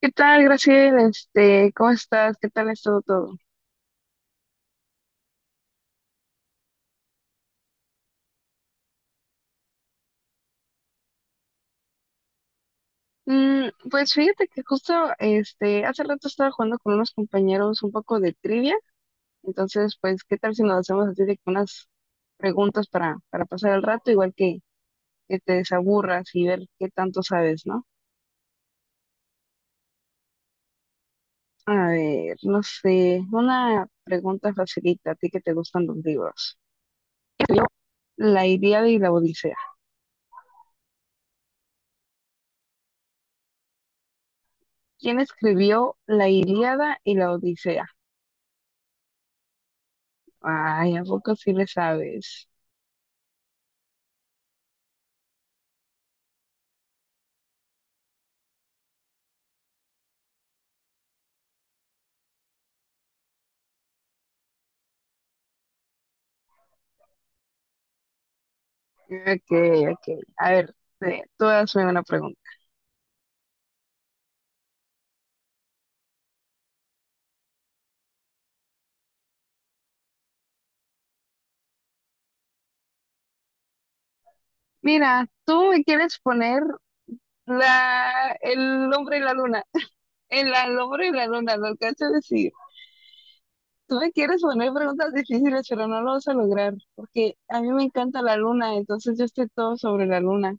¿Qué tal, Graciela? Este, ¿cómo estás? ¿Qué tal ha estado todo? Mm, pues fíjate que justo este, hace rato estaba jugando con unos compañeros un poco de trivia, entonces pues ¿qué tal si nos hacemos así de que unas preguntas para pasar el rato, igual que te desaburras y ver qué tanto sabes, ¿no? A ver, no sé, una pregunta facilita, a ti que te gustan los libros. ¿Quién escribió La Ilíada y la Odisea? ¿Quién escribió La Ilíada y la Odisea? Ay, ¿a poco sí le sabes? Ok, ok. A ver, tú hazme una pregunta. Mira, tú me quieres poner el hombre y la luna. Al hombre y la luna, lo alcanzo a decir. Tú me quieres poner preguntas difíciles, pero no lo vas a lograr, porque a mí me encanta la luna, entonces yo estoy todo sobre la luna.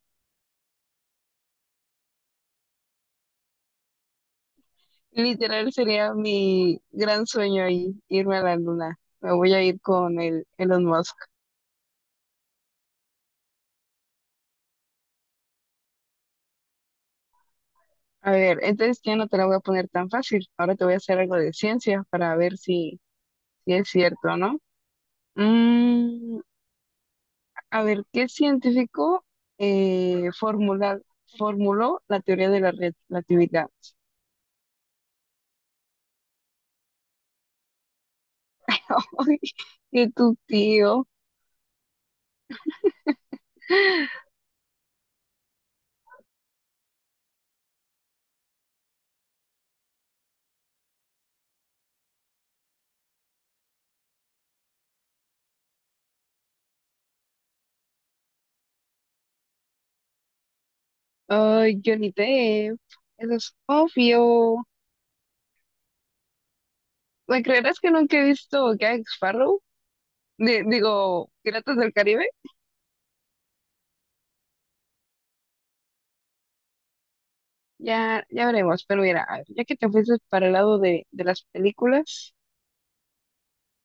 Literal sería mi gran sueño ahí, irme a la luna. Me voy a ir con el Elon Musk. A ver, entonces ya no te la voy a poner tan fácil. Ahora te voy a hacer algo de ciencia para ver si es cierto, ¿no? Mm, a ver, ¿qué científico eh, formula- formuló la teoría de la relatividad? Ay, qué tu tío. Ay, Johnny Depp. Eso es obvio. ¿Me creerás que nunca he visto Jack Sparrow? Digo, Piratas del Caribe. Ya, ya veremos. Pero mira, a ver, ya que te fuiste para el lado de las películas,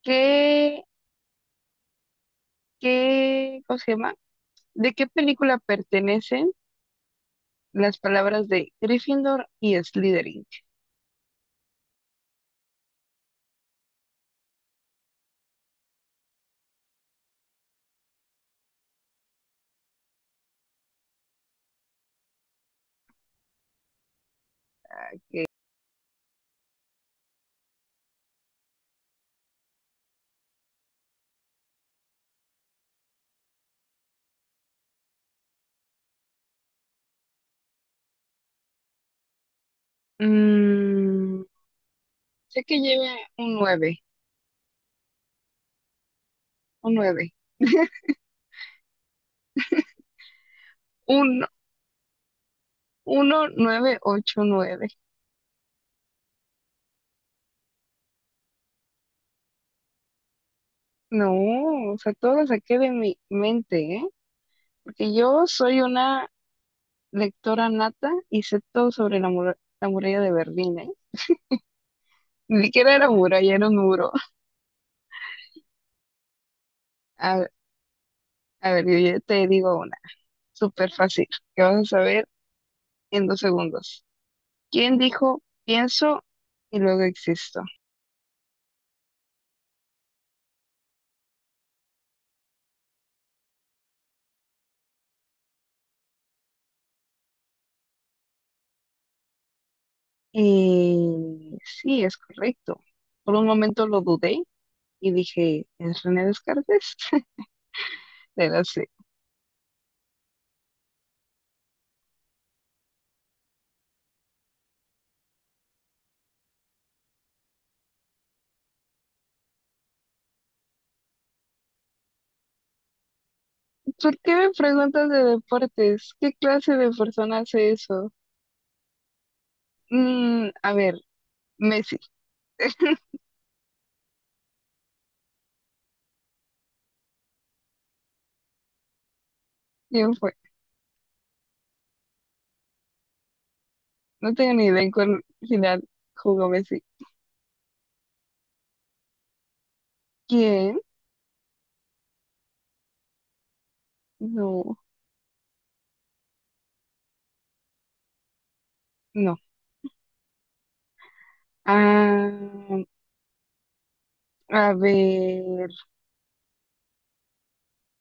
¿qué, cómo se llama? ¿De qué película pertenecen las palabras de Gryffindor y Slytherin? Mm, sé que lleva un nueve, un 1989. No, o sea, todo lo saqué de mi mente, ¿eh? Porque yo soy una lectora nata y sé todo sobre la muralla de Berlín, ¿eh? Ni siquiera era muralla, era un muro. A, a ver, yo ya te digo una, súper fácil, que vas a saber en 2 segundos. ¿Quién dijo pienso y luego existo? Sí, es correcto. Por un momento lo dudé y dije, ¿es René Descartes? Pero sí. ¿Por qué me preguntas de deportes? ¿Qué clase de persona hace eso? Mm, a ver, Messi. ¿Quién fue? No tengo ni idea en cuál final jugó Messi. ¿Quién? No, no. Ah, a ver,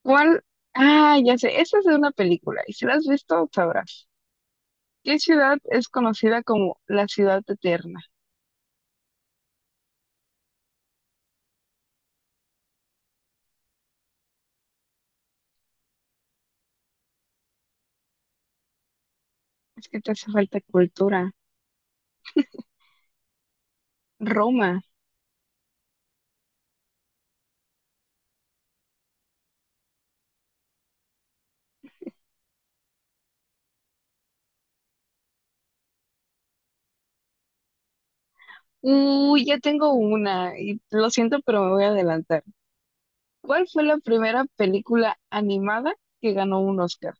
¿cuál? Ah, ya sé, esta es de una película y si la has visto, sabrás. ¿Qué ciudad es conocida como la ciudad eterna? Es que te hace falta cultura. Roma. Uy, ya tengo una y lo siento, pero me voy a adelantar. ¿Cuál fue la primera película animada que ganó un Oscar?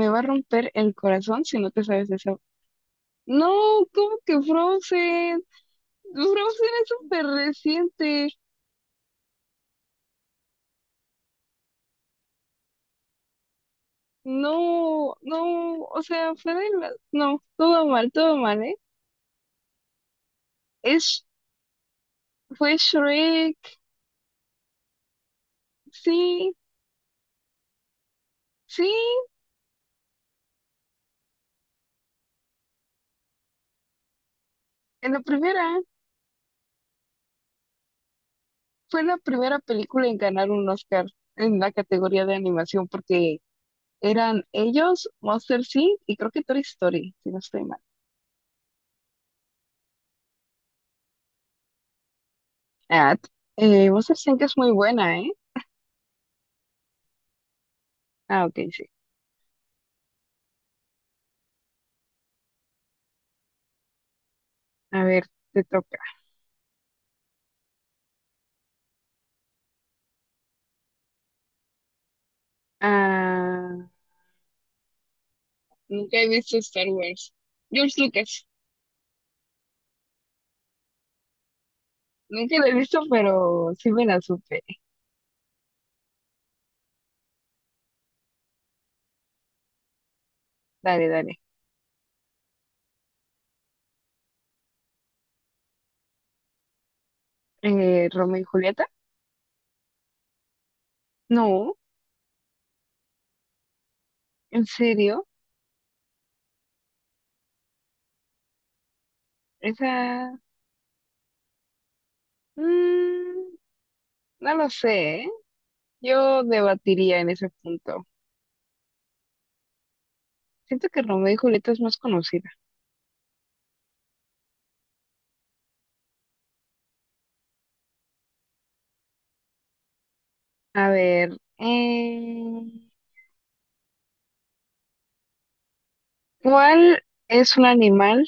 Me va a romper el corazón si no te sabes eso. No, ¿cómo que Frozen? Frozen es súper reciente. No, no, o sea, fue de la... No, todo mal, ¿eh? Es, fue Shrek. Sí, sí, en la primera. Fue la primera película en ganar un Oscar en la categoría de animación porque eran ellos, Monster Inc. y creo que Toy Story, si no estoy mal. Ah, t- Monster Inc. es muy buena, ¿eh? Ah, ok, sí. A ver, te toca. Ah, nunca he visto Star Wars. George Lucas. Nunca la he visto, pero sí me la supe. Dale, dale. ¿Romeo y Julieta? No, ¿en serio? Esa... mm, no lo sé, ¿eh? Yo debatiría en ese punto. Siento que Romeo y Julieta es más conocida. A ver, ¿cuál es un animal?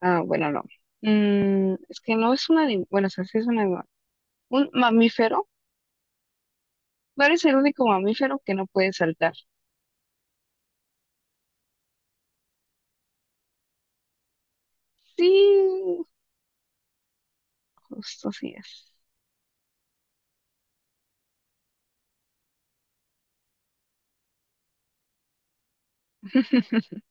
Ah, bueno, no. Mm, es que no es un animal. Bueno, o sea, sí es un animal. Un mamífero. No eres el único mamífero que no puede saltar. Sí, justo así es.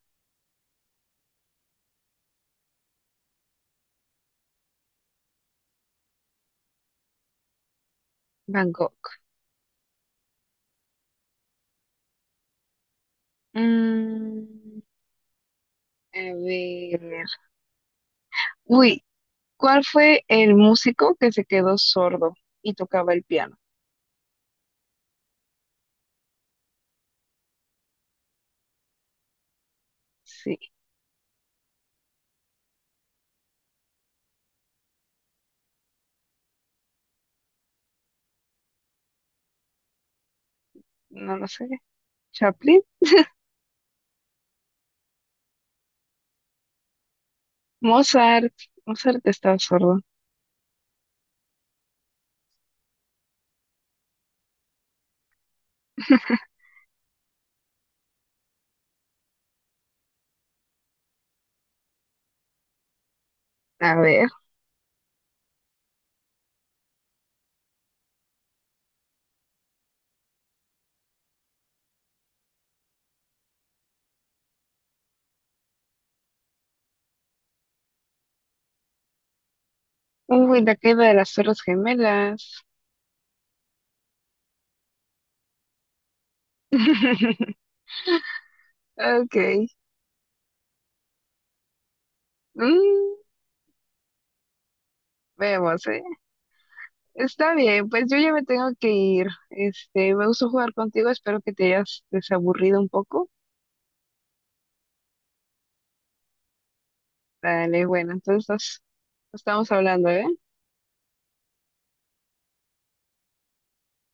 Van Gogh. Mm, a ver. Uy, ¿cuál fue el músico que se quedó sordo y tocaba el piano? Sí, no lo sé. ¿Chaplin? Mozart, Mozart estaba sordo. A ver. Uy, la caída de las Torres Gemelas. Ok. Mm, vemos, ¿eh? Está bien, pues yo ya me tengo que ir. Este, me gustó jugar contigo, espero que te hayas desaburrido un poco. Dale, bueno, entonces nos estamos hablando, ¿eh?